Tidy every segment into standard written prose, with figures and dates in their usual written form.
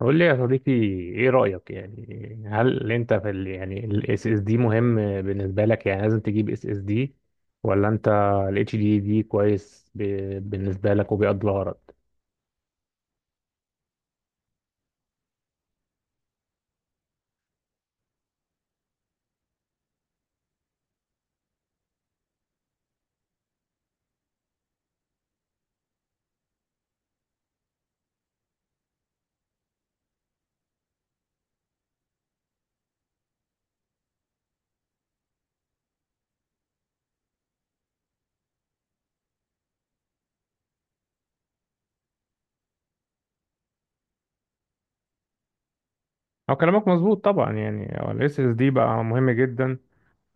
قول لي يا صديقي، ايه رأيك؟ يعني هل انت في ال SSD مهم بالنسبة لك؟ يعني لازم تجيب SSD، ولا انت ال HDD كويس بالنسبة لك وبيقضي الغرض؟ هو كلامك مظبوط طبعا، يعني هو الاس اس دي بقى مهم جدا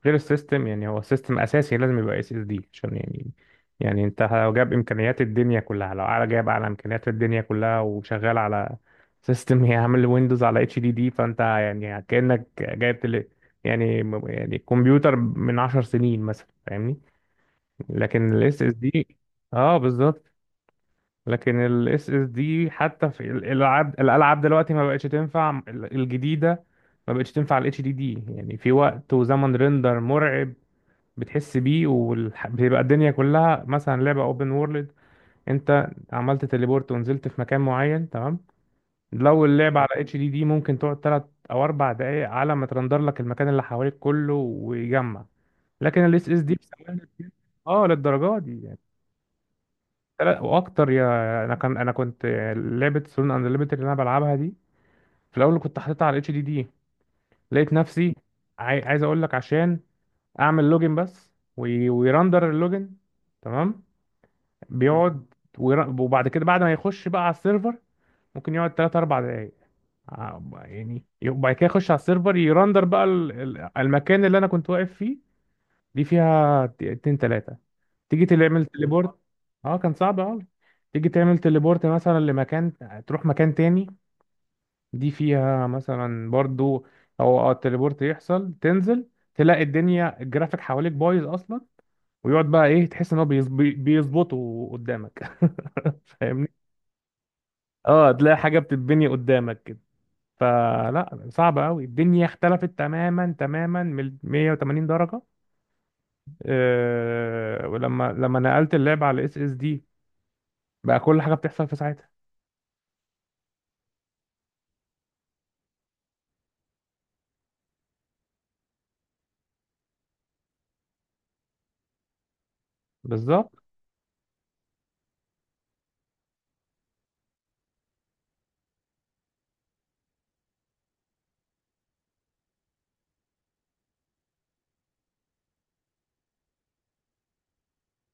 غير السيستم. يعني هو السيستم اساسي، لازم يبقى اس اس دي عشان يعني انت لو جاب امكانيات الدنيا كلها، لو على جايب على امكانيات الدنيا كلها وشغال على سيستم يعمل ويندوز على اتش دي دي، فانت يعني كانك جايب تل... يعني يعني كمبيوتر من 10 سنين مثلا، فاهمني؟ لكن الاس اس دي، اه بالظبط. لكن ال SSD حتى في الألعاب دلوقتي ما بقتش تنفع الجديدة، ما بقتش تنفع ال HDD، يعني في وقت وزمن ريندر مرعب بتحس بيه، وبيبقى الدنيا كلها، مثلا لعبة اوبن وورلد انت عملت تليبورت ونزلت في مكان معين، تمام؟ لو اللعبة على HDD ممكن تقعد 3 أو 4 دقايق على ما ترندر لك المكان اللي حواليك كله ويجمع. لكن ال SSD في ثواني كده- اه، للدرجة دي يعني. لا، واكتر يا. انا كنت لعبه سولون اند ليميتد اللي انا بلعبها دي، في الاول كنت حاططها على الاتش دي دي، لقيت نفسي عايز اقول لك، عشان اعمل لوجن بس ويرندر اللوجن، تمام. بيقعد، وبعد كده بعد ما يخش بقى على السيرفر ممكن يقعد 3 4 دقايق ع- يعني. وبعد كده يخش على السيرفر، يرندر بقى المكان اللي انا كنت واقف فيه. دي فيها اتنين تلاتة. تيجي تعمل تليبورت، اه كان صعب اوي. تيجي تعمل تليبورت مثلا لمكان، تروح مكان تاني. دي فيها مثلا برضو، او اه التليبورت يحصل تنزل، تلاقي الدنيا، الجرافيك حواليك بايظ اصلا، ويقعد بقى ايه، تحس ان هو بيظبطه قدامك فاهمني؟ اه، تلاقي حاجة بتتبني قدامك كده، فلا صعب قوي، الدنيا اختلفت تماما تماما من 180 درجة. آه، ولما نقلت اللعبة على اس اس دي، بقى كل حاجة بتحصل في ساعتها. بالظبط،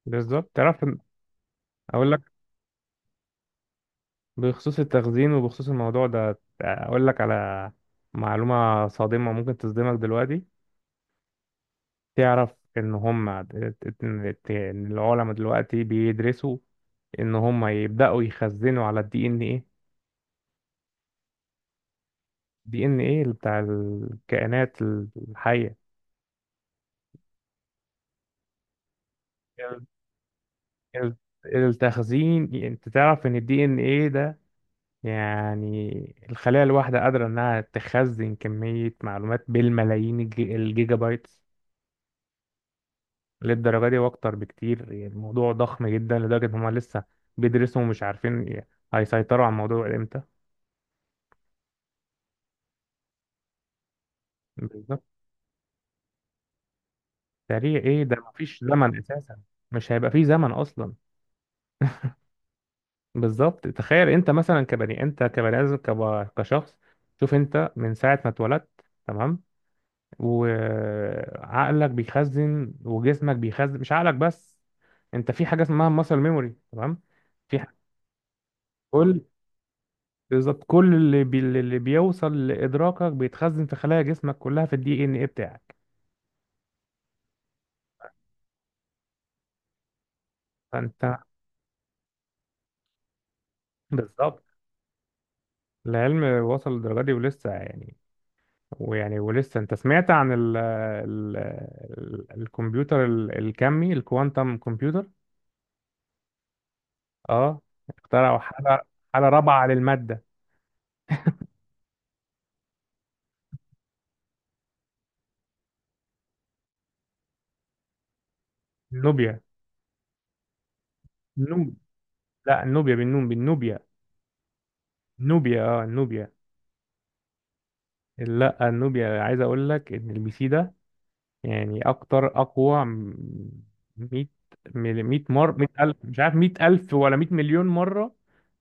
بالظبط، تعرف اقول لك بخصوص التخزين وبخصوص الموضوع ده، اقول لك على معلومة صادمة ممكن تصدمك دلوقتي. تعرف ان هم العلماء دلوقتي بيدرسوا ان هم يبدأوا يخزنوا على الدي ان ايه، دي ان ايه بتاع الكائنات الحية. ال- ال- التخزين، يعني انت تعرف ان الدي ان ايه ده، يعني الخلية الواحدة قادرة إنها تخزن كمية معلومات بالملايين، الجيجا بايتس، للدرجة دي وأكتر بكتير. يعني الموضوع ضخم جدا لدرجة إن هما لسه بيدرسوا ومش عارفين هيسيطروا على الموضوع إمتى. بالظبط، سريع إيه ده! مفيش زمن أساسا، مش هيبقى فيه زمن أصلا. بالظبط، تخيل أنت مثلا، كبني آدم، كشخص. شوف أنت من ساعة ما اتولدت، تمام، وعقلك بيخزن وجسمك بيخزن، مش عقلك بس. انت في حاجه اسمها ماسل ميموري، تمام؟ في ح- كل، بالظبط كل اللي بيوصل لادراكك بيتخزن في خلايا جسمك كلها في الدي ان ايه بتاعك، فانت. بالظبط، العلم وصل للدرجه دي ولسه يعني، ولسه انت سمعت عن الكمبيوتر الكمي، الكوانتم كمبيوتر. اه، اخترعوا حاله رابعه للماده، نوبيا. لا، النوبيا بالنون، بالنوبيا. نوبيا، اه النوبيا. لا، النوبيا، عايز اقول لك ان البي سي ده يعني اكتر، اقوى 100، 100 مره، 100 الف، مش عارف 100 الف ولا 100 مليون مره،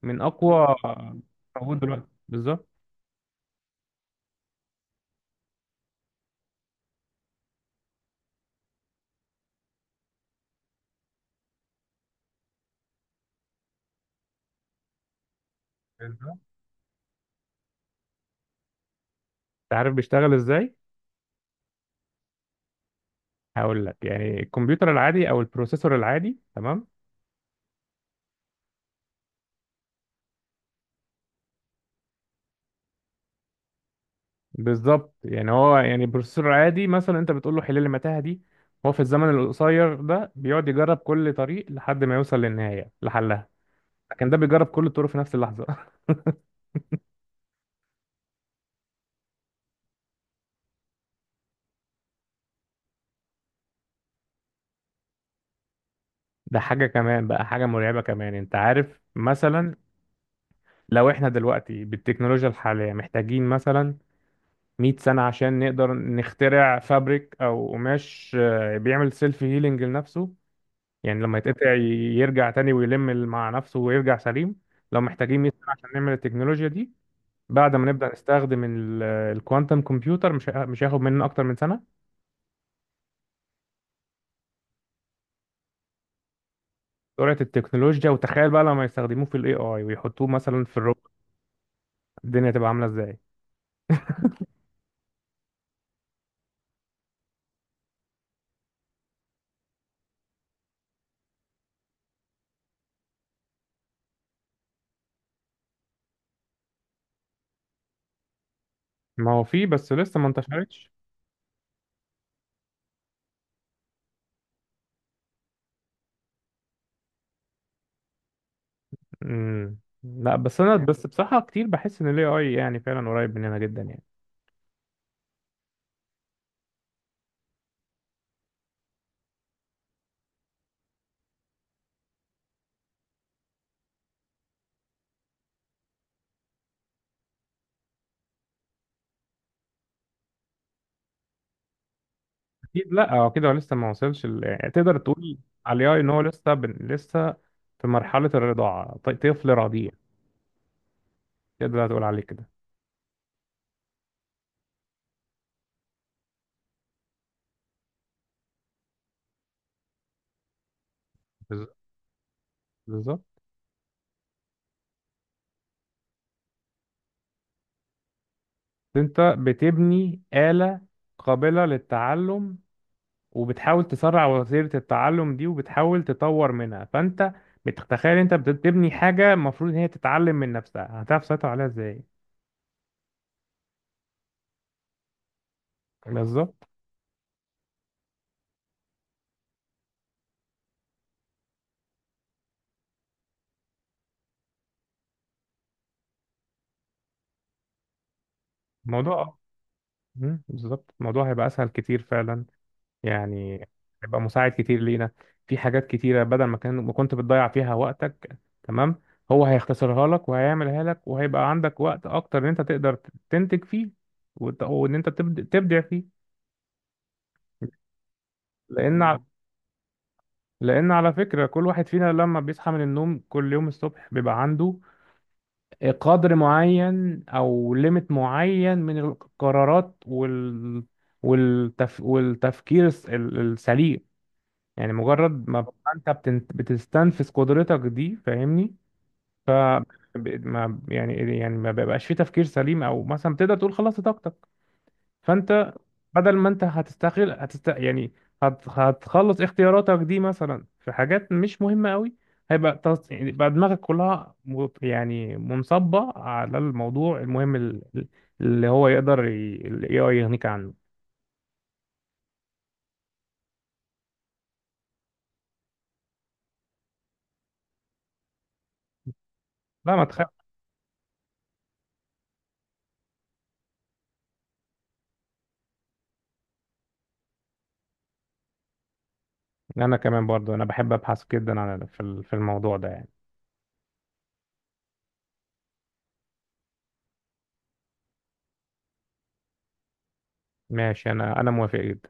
من اقوى موجود دلوقتي. بالظبط، بالظبط. انت عارف بيشتغل ازاي؟ هقول لك، يعني الكمبيوتر العادي او البروسيسور العادي، تمام. بالظبط، يعني هو يعني بروسيسور عادي، مثلا انت بتقول له حل لي المتاهه دي، هو في الزمن القصير ده بيقعد يجرب كل طريق لحد ما يوصل للنهايه لحلها، لكن ده بيجرب كل الطرق في نفس اللحظه. ده حاجه كمان بقى، حاجه مرعبه كمان. انت عارف مثلا، لو احنا دلوقتي بالتكنولوجيا الحاليه محتاجين مثلا 100 سنه عشان نقدر نخترع فابريك او قماش بيعمل سيلف هيلينج لنفسه، يعني لما يتقطع يرجع تاني ويلم مع نفسه ويرجع سليم. لو محتاجين 100 سنه عشان نعمل التكنولوجيا دي، بعد ما نبدأ نستخدم الكوانتم كمبيوتر، مش هياخد مننا اكتر من سنة. سرعة التكنولوجيا! وتخيل بقى لما يستخدموه في الاي اي ويحطوه مثلا في الروبوت، الدنيا تبقى عاملة ازاي؟ ما هو فيه، بس لسه ما انتشرتش. لا، بس انا، بس بصراحة كتير بحس ان الاي اي يعني فعلا قريب مننا جدا يعني. اكيد، لا هو كده لسه ما وصلش يعني تقدر تقول على الاي اي ان هو لسه في مرحلة الرضاعة، طفل رضيع، تقدر تقول عليه كده. بز- بالظبط، انت بتبني آلة قابلة للتعلم، وبتحاول تسرع وتيرة التعلم دي وبتحاول تطور منها، فانت بتتخيل، انت بتبني حاجة المفروض ان هي تتعلم من نفسها، هتعرف تسيطر عليها ازاي؟ بالظبط، الموضوع بالظبط الموضوع هيبقى اسهل كتير فعلا، يعني هيبقى مساعد كتير لينا في حاجات كتيرة، بدل ما كان ما كنت بتضيع فيها وقتك، تمام. هو هيختصرها لك وهيعملها لك وهيبقى عندك وقت أكتر إن أنت تقدر تنتج فيه، وإن أنت تبدع فيه. لأن بالظبط. لأن على فكرة، كل واحد فينا لما بيصحى من النوم كل يوم الصبح بيبقى عنده قدر معين أو ليميت معين من القرارات، والتفكير السليم. يعني مجرد ما بقى انت بتستنفذ قدرتك دي، فاهمني؟ ف ب- ما يعني يعني ما بيبقاش في تفكير سليم، او مثلا تقدر تقول خلصت طاقتك، فانت بدل ما انت هتستغل هتست يعني هت... هتخلص اختياراتك دي مثلا في حاجات مش مهمة قوي، هيبقى يعني بقى دماغك كلها يعني منصبة على الموضوع المهم اللي هو يقدر ال AI يغنيك عنه. لا ما تخاف. انا كمان برضو، انا بحب ابحث جدا في الموضوع ده يعني. ماشي، انا موافق جدا.